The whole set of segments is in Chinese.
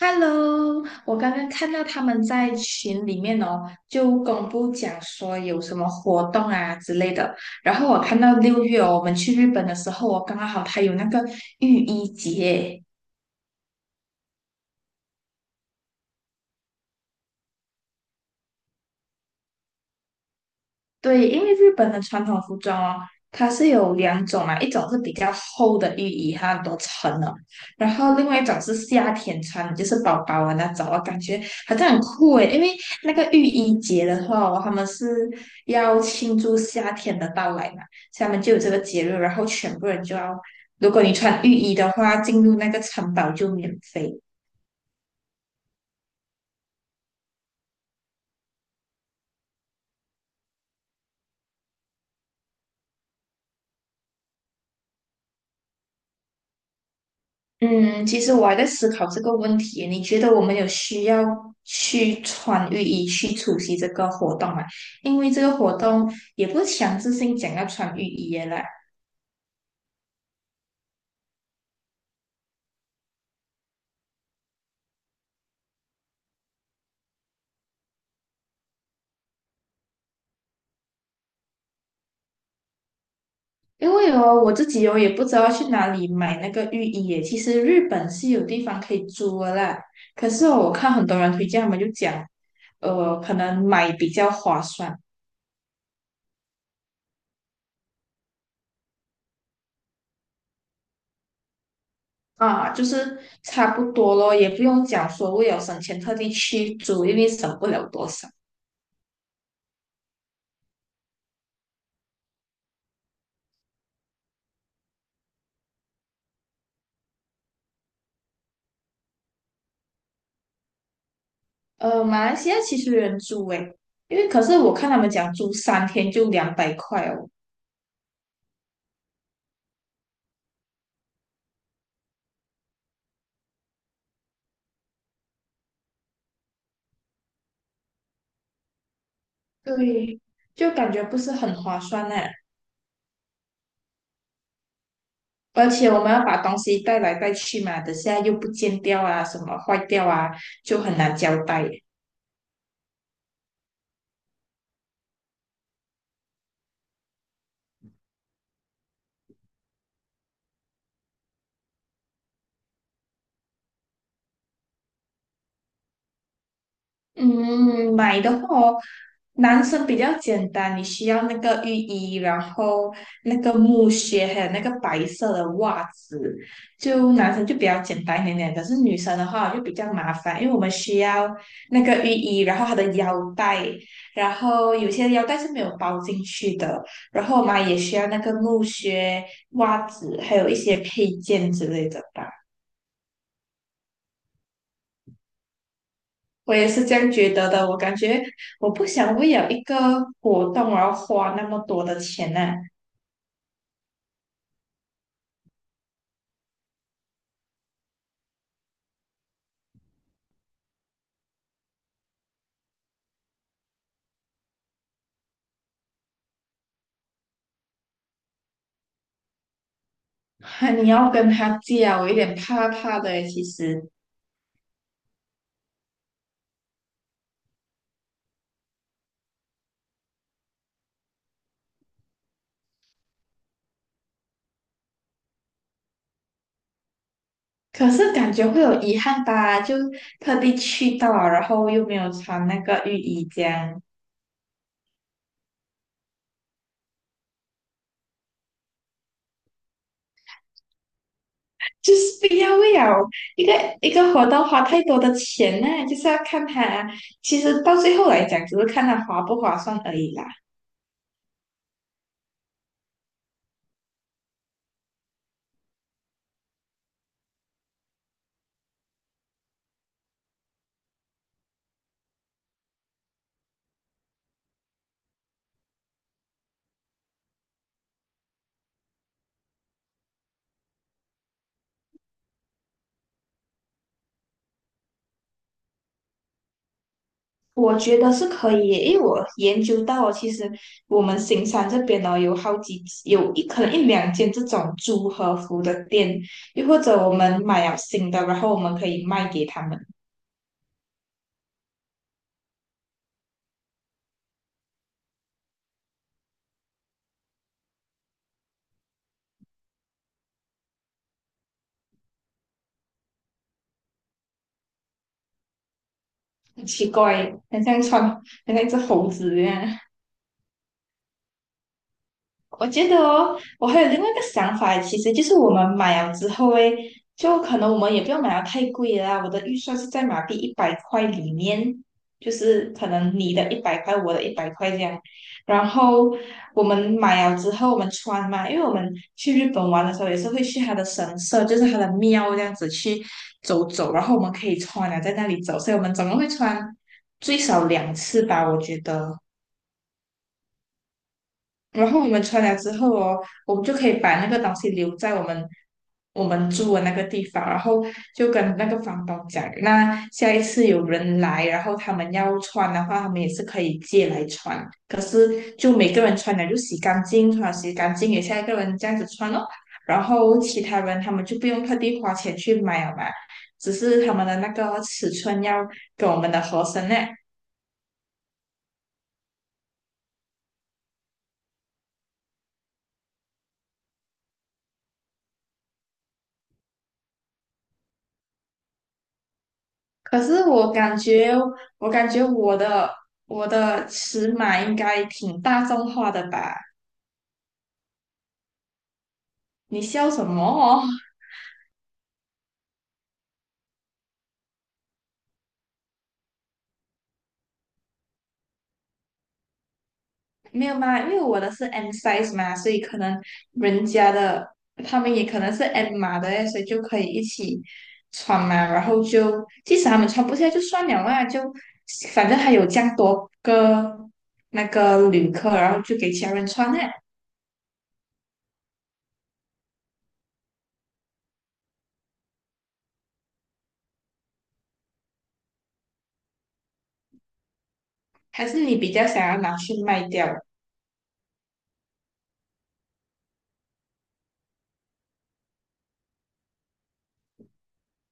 Hello，我刚刚看到他们在群里面哦，就公布讲说有什么活动啊之类的。然后我看到6月哦，我们去日本的时候哦，刚刚好他有那个浴衣节。对，因为日本的传统服装哦，它是有两种嘛，一种是比较厚的浴衣，它很多层的；然后另外一种是夏天穿的，就是薄薄的那种，我感觉好像很酷诶，因为那个浴衣节的话哦他们是要庆祝夏天的到来嘛，所以他们就有这个节日，然后全部人就要，如果你穿浴衣的话，进入那个城堡就免费。嗯，其实我还在思考这个问题。你觉得我们有需要去穿浴衣去出席这个活动吗？因为这个活动也不是强制性讲要穿浴衣的啦。因为哦，我自己哦也不知道去哪里买那个浴衣耶。其实日本是有地方可以租的啦，可是哦我看很多人推荐，他们就讲，可能买比较划算。啊，就是差不多咯，也不用讲说为了省钱特地去租，因为省不了多少。马来西亚其实有人住诶，因为可是我看他们讲住3天就200块哦。对，就感觉不是很划算呢。而且我们要把东西带来带去嘛，等下又不见掉啊，什么坏掉啊，就很难交代。嗯，买的话哦，男生比较简单，你需要那个浴衣，然后那个木靴，还有那个白色的袜子，就男生就比较简单一点点。可是女生的话就比较麻烦，因为我们需要那个浴衣，然后它的腰带，然后有些腰带是没有包进去的，然后我们也需要那个木靴、袜子，还有一些配件之类的吧。我也是这样觉得的。我感觉我不想为了一个活动而花那么多的钱呢、啊。你要跟他借啊，我有点怕怕的耶其实。可是感觉会有遗憾吧，就特地去到啊然后又没有穿那个浴衣，这样就是不要为了一个一个活动花太多的钱呢、就是要看他，其实到最后来讲，只是看他划不划算而已啦。我觉得是可以耶，因为我研究到哦其实我们新山这边呢有好几有一可能一两间这种租和服的店，又或者我们买了新的，然后我们可以卖给他们。很奇怪，很像穿，很像一只猴子一样。我觉得哦，我还有另外一个想法，其实就是我们买了之后诶，就可能我们也不要买到太贵啦。我的预算是在马币一百块里面，就是可能你的一百块，我的一百块这样。然后我们买了之后，我们穿嘛，因为我们去日本玩的时候也是会去它的神社，就是它的庙这样子去走走，然后我们可以穿了在那里走，所以我们总共会穿最少两次吧，我觉得。然后我们穿了之后哦，我们就可以把那个东西留在我们住的那个地方，然后就跟那个房东讲，那下一次有人来，然后他们要穿的话，他们也是可以借来穿，就是就每个人穿了就洗干净，穿了洗干净给下一个人这样子穿咯，然后其他人他们就不用特地花钱去买了嘛，只是他们的那个尺寸要跟我们的合身呢。可是我感觉，我感觉我的我的尺码应该挺大众化的吧？你笑什么哦？没有嘛，因为我的是 M size 嘛，所以可能人家的他们也可能是 M 码的诶所以就可以一起穿嘛。然后就即使他们穿不下就算了嘛，就反正还有这样多个那个旅客，然后就给其他人穿呢。还是你比较想要拿去卖掉？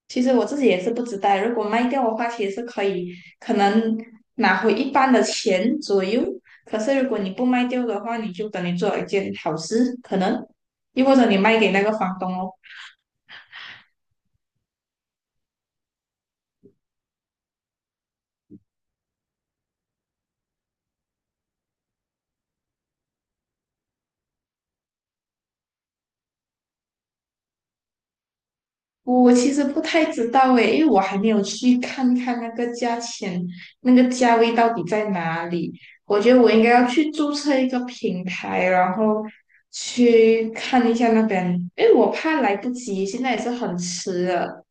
其实我自己也是不知道，如果卖掉的话，其实是可以，可能拿回一半的钱左右。可是如果你不卖掉的话，你就等于做了一件好事，可能，又或者你卖给那个房东哦。我其实不太知道诶，因为我还没有去看看那个价钱，那个价位到底在哪里。我觉得我应该要去注册一个平台，然后去看一下那边，因为我怕来不及，现在也是很迟了。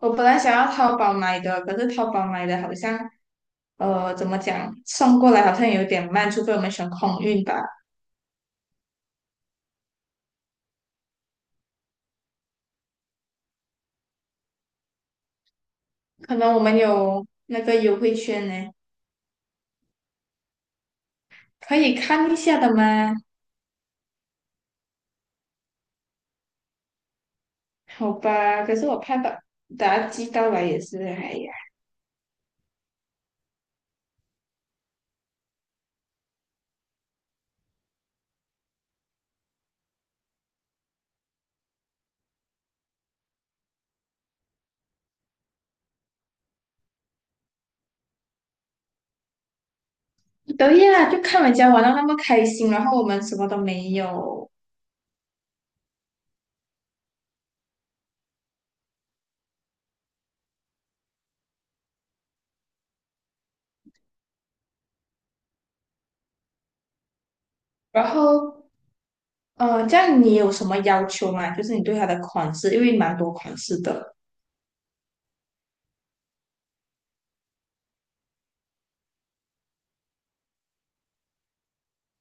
我本来想要淘宝买的，可是淘宝买的好像，怎么讲，送过来好像有点慢，除非我们选空运吧。可能我们有那个优惠券呢，可以看一下的吗？好吧，可是我怕把它寄到来也是，哎呀，对呀，就看人家玩到那么开心，然后我们什么都没有，然后，这样你有什么要求吗？就是你对它的款式，因为蛮多款式的。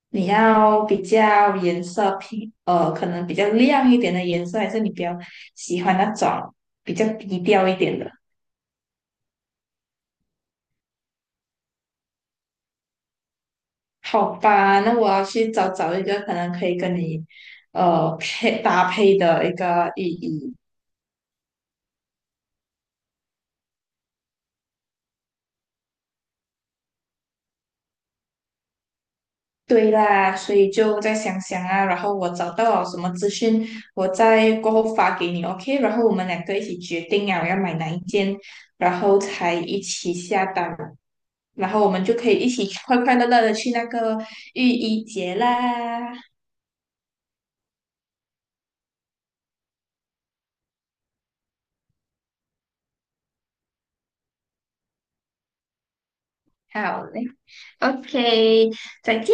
你要比较颜色偏，可能比较亮一点的颜色，还是你比较喜欢那种比较低调一点的？好吧，那我要去找找一个可能可以跟你，配搭配的一个意义。对啦，所以就再想想啊，然后我找到了什么资讯，我再过后发给你，OK？然后我们两个一起决定啊，我要买哪一件，然后才一起下单，然后我们就可以一起快快乐乐的去那个浴衣节啦。好嘞，OK，再见。